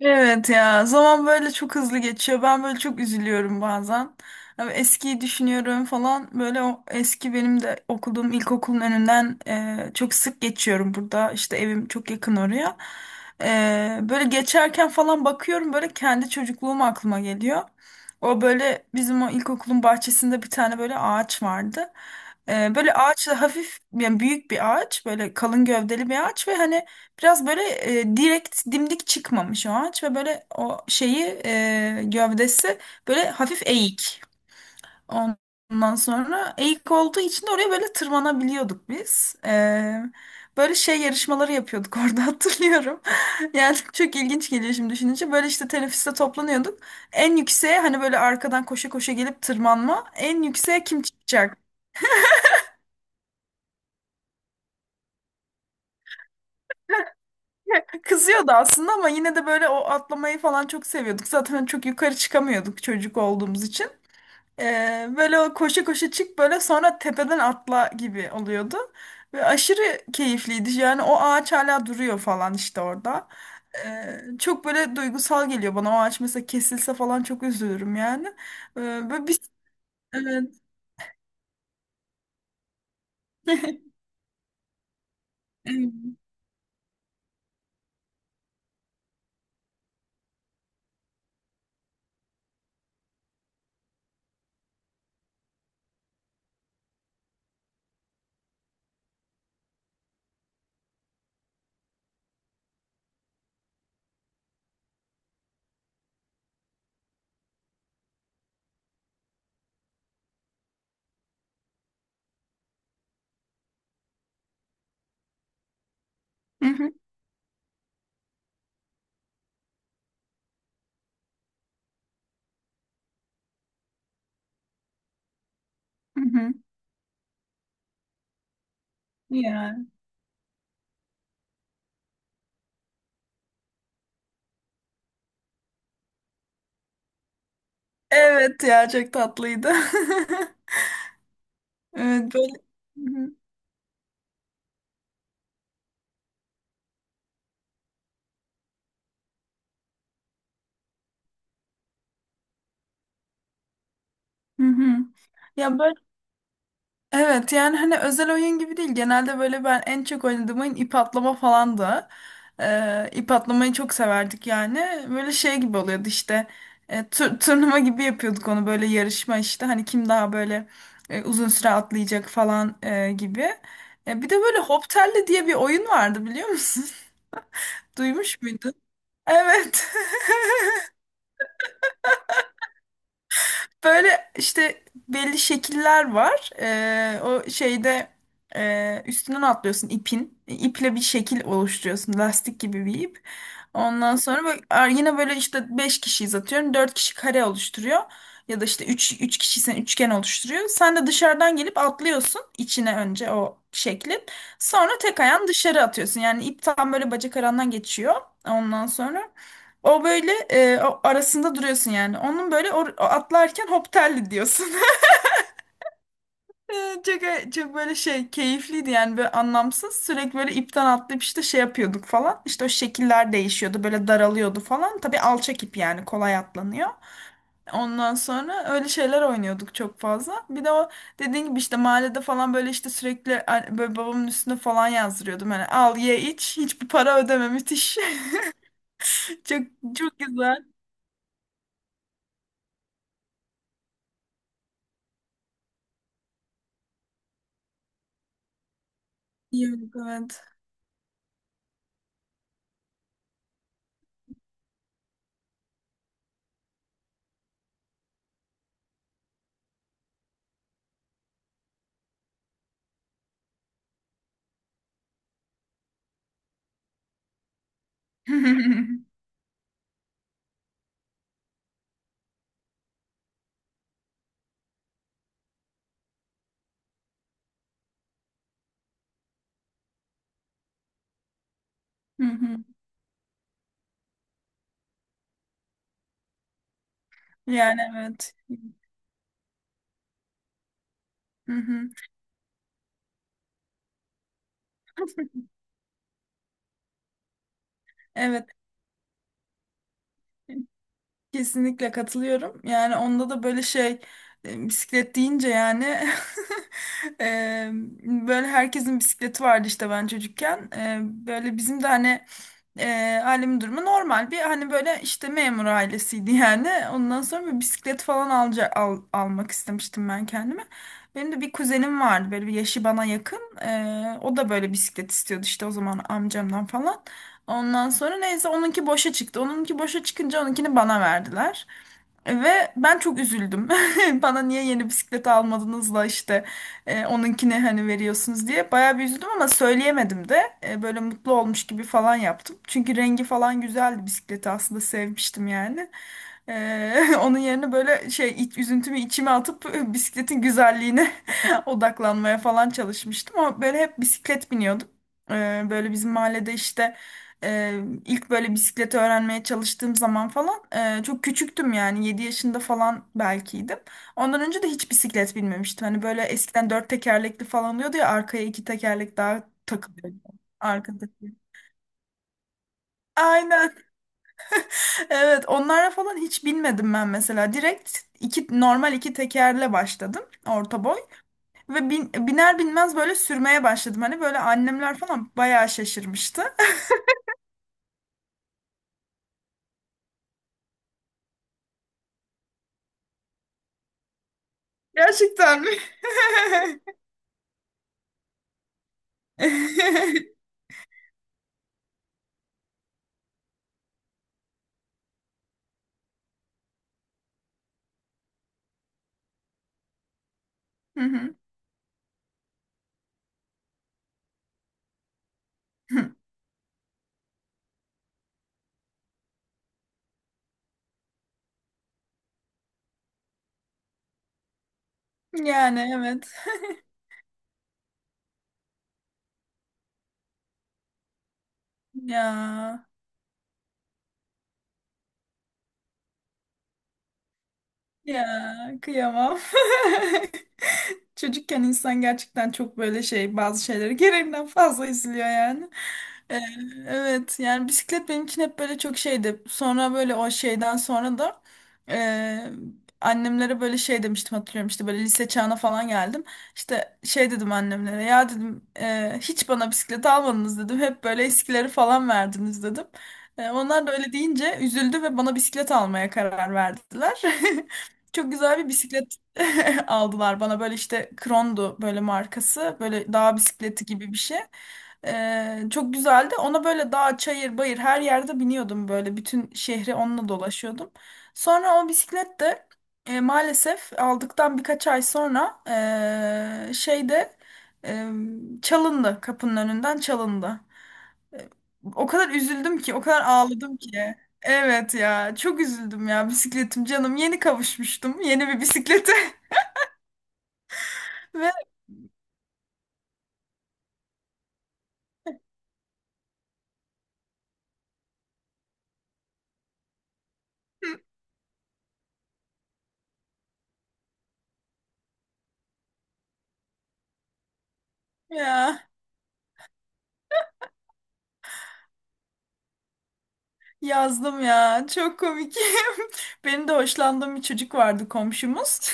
Evet ya zaman böyle çok hızlı geçiyor. Ben böyle çok üzülüyorum bazen. Ama eskiyi düşünüyorum falan. Böyle o eski benim de okuduğum ilkokulun önünden çok sık geçiyorum burada. İşte evim çok yakın oraya. Böyle geçerken falan bakıyorum böyle kendi çocukluğum aklıma geliyor. O böyle bizim o ilkokulun bahçesinde bir tane böyle ağaç vardı. Böyle ağaçla hafif yani büyük bir ağaç böyle kalın gövdeli bir ağaç ve hani biraz böyle direkt dimdik çıkmamış o ağaç ve böyle o şeyi gövdesi böyle hafif eğik. Ondan sonra eğik olduğu için de oraya böyle tırmanabiliyorduk biz. Böyle şey yarışmaları yapıyorduk orada hatırlıyorum. Yani çok ilginç geliyor şimdi düşününce. Böyle işte teneffüste toplanıyorduk. En yükseğe hani böyle arkadan koşa koşa gelip tırmanma. En yükseğe kim çıkacak? Kızıyordu aslında ama yine de böyle o atlamayı falan çok seviyorduk. Zaten çok yukarı çıkamıyorduk çocuk olduğumuz için. Böyle o koşa koşa çık böyle sonra tepeden atla gibi oluyordu. Ve aşırı keyifliydi. Yani o ağaç hala duruyor falan işte orada. Çok böyle duygusal geliyor bana. O ağaç mesela kesilse falan çok üzülürüm yani. Böyle bir... Evet. Evet. Hı hı, hı hı. Ya. Evet ya çok tatlıydı. Evet böyle. Hı hı. Hı hı. Ya böyle evet yani hani özel oyun gibi değil. Genelde böyle ben en çok oynadığım oyun ip atlama falandı. İp atlamayı çok severdik yani. Böyle şey gibi oluyordu işte. Turnuva gibi yapıyorduk onu böyle yarışma işte. Hani kim daha böyle uzun süre atlayacak falan gibi. Bir de böyle Hop Telli diye bir oyun vardı biliyor musun? Duymuş muydun? Evet. Böyle işte belli şekiller var. O şeyde üstünden atlıyorsun ipin. İple bir şekil oluşturuyorsun. Lastik gibi bir ip. Ondan sonra bak, yine böyle işte 5 kişiyiz atıyorum. Dört kişi kare oluşturuyor. Ya da işte üç kişiysen üçgen oluşturuyor. Sen de dışarıdan gelip atlıyorsun içine önce o şeklin. Sonra tek ayağın dışarı atıyorsun. Yani ip tam böyle bacak arandan geçiyor. Ondan sonra. O böyle o arasında duruyorsun yani. Onun böyle o atlarken hop telli diyorsun. Çok böyle şey keyifliydi yani böyle anlamsız. Sürekli böyle ipten atlayıp işte şey yapıyorduk falan. İşte o şekiller değişiyordu böyle daralıyordu falan. Tabii alçak ip yani kolay atlanıyor. Ondan sonra öyle şeyler oynuyorduk çok fazla. Bir de o dediğin gibi işte mahallede falan böyle işte sürekli böyle babamın üstüne falan yazdırıyordum. Hani al ye iç hiçbir para ödeme müthiş. Çok çok güzel. Yiyorduk evet. Hı hı. Yani evet. Hı hı. Evet. Kesinlikle katılıyorum. Yani onda da böyle şey bisiklet deyince yani e, böyle herkesin bisikleti vardı işte ben çocukken. Böyle bizim de hani E, ailemin durumu normal bir hani böyle işte memur ailesiydi yani. Ondan sonra bir bisiklet falan almak istemiştim ben kendime. Benim de bir kuzenim vardı böyle bir yaşı bana yakın. O da böyle bisiklet istiyordu işte o zaman amcamdan falan. Ondan sonra neyse onunki boşa çıktı. Onunki boşa çıkınca onunkini bana verdiler. Ve ben çok üzüldüm. Bana niye yeni bisiklet almadınız da işte onunkini hani veriyorsunuz diye. Bayağı bir üzüldüm ama söyleyemedim de böyle mutlu olmuş gibi falan yaptım. Çünkü rengi falan güzeldi bisikleti aslında sevmiştim yani. Onun yerine böyle şey üzüntümü içime atıp bisikletin güzelliğine odaklanmaya falan çalışmıştım. Ama böyle hep bisiklet biniyordum. Böyle bizim mahallede işte e, ilk böyle bisikleti öğrenmeye çalıştığım zaman falan çok küçüktüm yani 7 yaşında falan belkiydim. Ondan önce de hiç bisiklet binmemiştim. Hani böyle eskiden dört tekerlekli falan oluyordu ya arkaya iki tekerlek daha takılıyor. Arkadaki. Aynen. Evet, onlara falan hiç binmedim ben mesela. Direkt iki normal iki tekerle başladım orta boy ve biner binmez böyle sürmeye başladım. Hani böyle annemler falan bayağı şaşırmıştı. Gerçekten mi? Hı hı. Yani evet. Ya. Ya kıyamam. Çocukken insan gerçekten çok böyle şey bazı şeyleri gereğinden fazla izliyor yani. Ee, evet yani bisiklet benim için hep böyle çok şeydi. Sonra böyle o şeyden sonra da e, annemlere böyle şey demiştim hatırlıyorum işte böyle lise çağına falan geldim. İşte şey dedim annemlere ya dedim hiç bana bisiklet almadınız dedim. Hep böyle eskileri falan verdiniz dedim. Onlar da öyle deyince üzüldü ve bana bisiklet almaya karar verdiler. Çok güzel bir bisiklet aldılar bana. Böyle işte Krondu böyle markası. Böyle dağ bisikleti gibi bir şey. Çok güzeldi. Ona böyle dağ, çayır, bayır her yerde biniyordum böyle. Bütün şehri onunla dolaşıyordum. Sonra o bisiklet de maalesef aldıktan birkaç ay sonra şeyde e, çalındı. Kapının önünden çalındı. O kadar üzüldüm ki, o kadar ağladım ki. Evet ya, çok üzüldüm ya bisikletim canım. Yeni kavuşmuştum yeni bir bisiklete. Ve ya yazdım ya. Çok komik. Benim de hoşlandığım bir çocuk vardı komşumuz.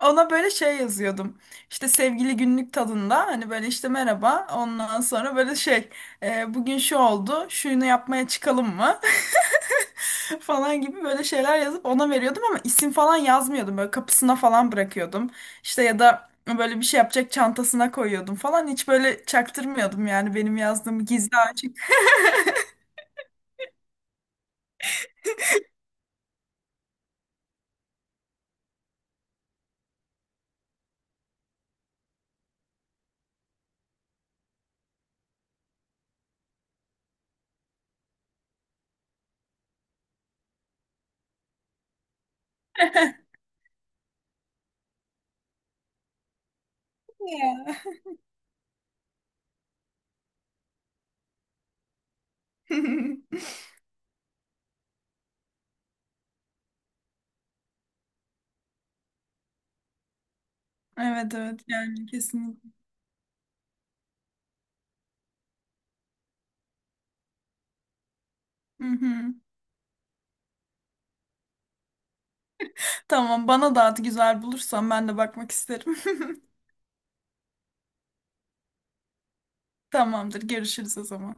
Ona böyle şey yazıyordum. İşte sevgili günlük tadında hani böyle işte merhaba. Ondan sonra böyle şey bugün şu oldu. Şunu yapmaya çıkalım mı? falan gibi böyle şeyler yazıp ona veriyordum ama isim falan yazmıyordum. Böyle kapısına falan bırakıyordum. İşte ya da böyle bir şey yapacak çantasına koyuyordum falan. Hiç böyle çaktırmıyordum yani benim yazdığım gizli açık. Ya. Evet evet yani kesinlikle. Hı hı. Tamam bana da at güzel bulursan ben de bakmak isterim. Tamamdır görüşürüz o zaman.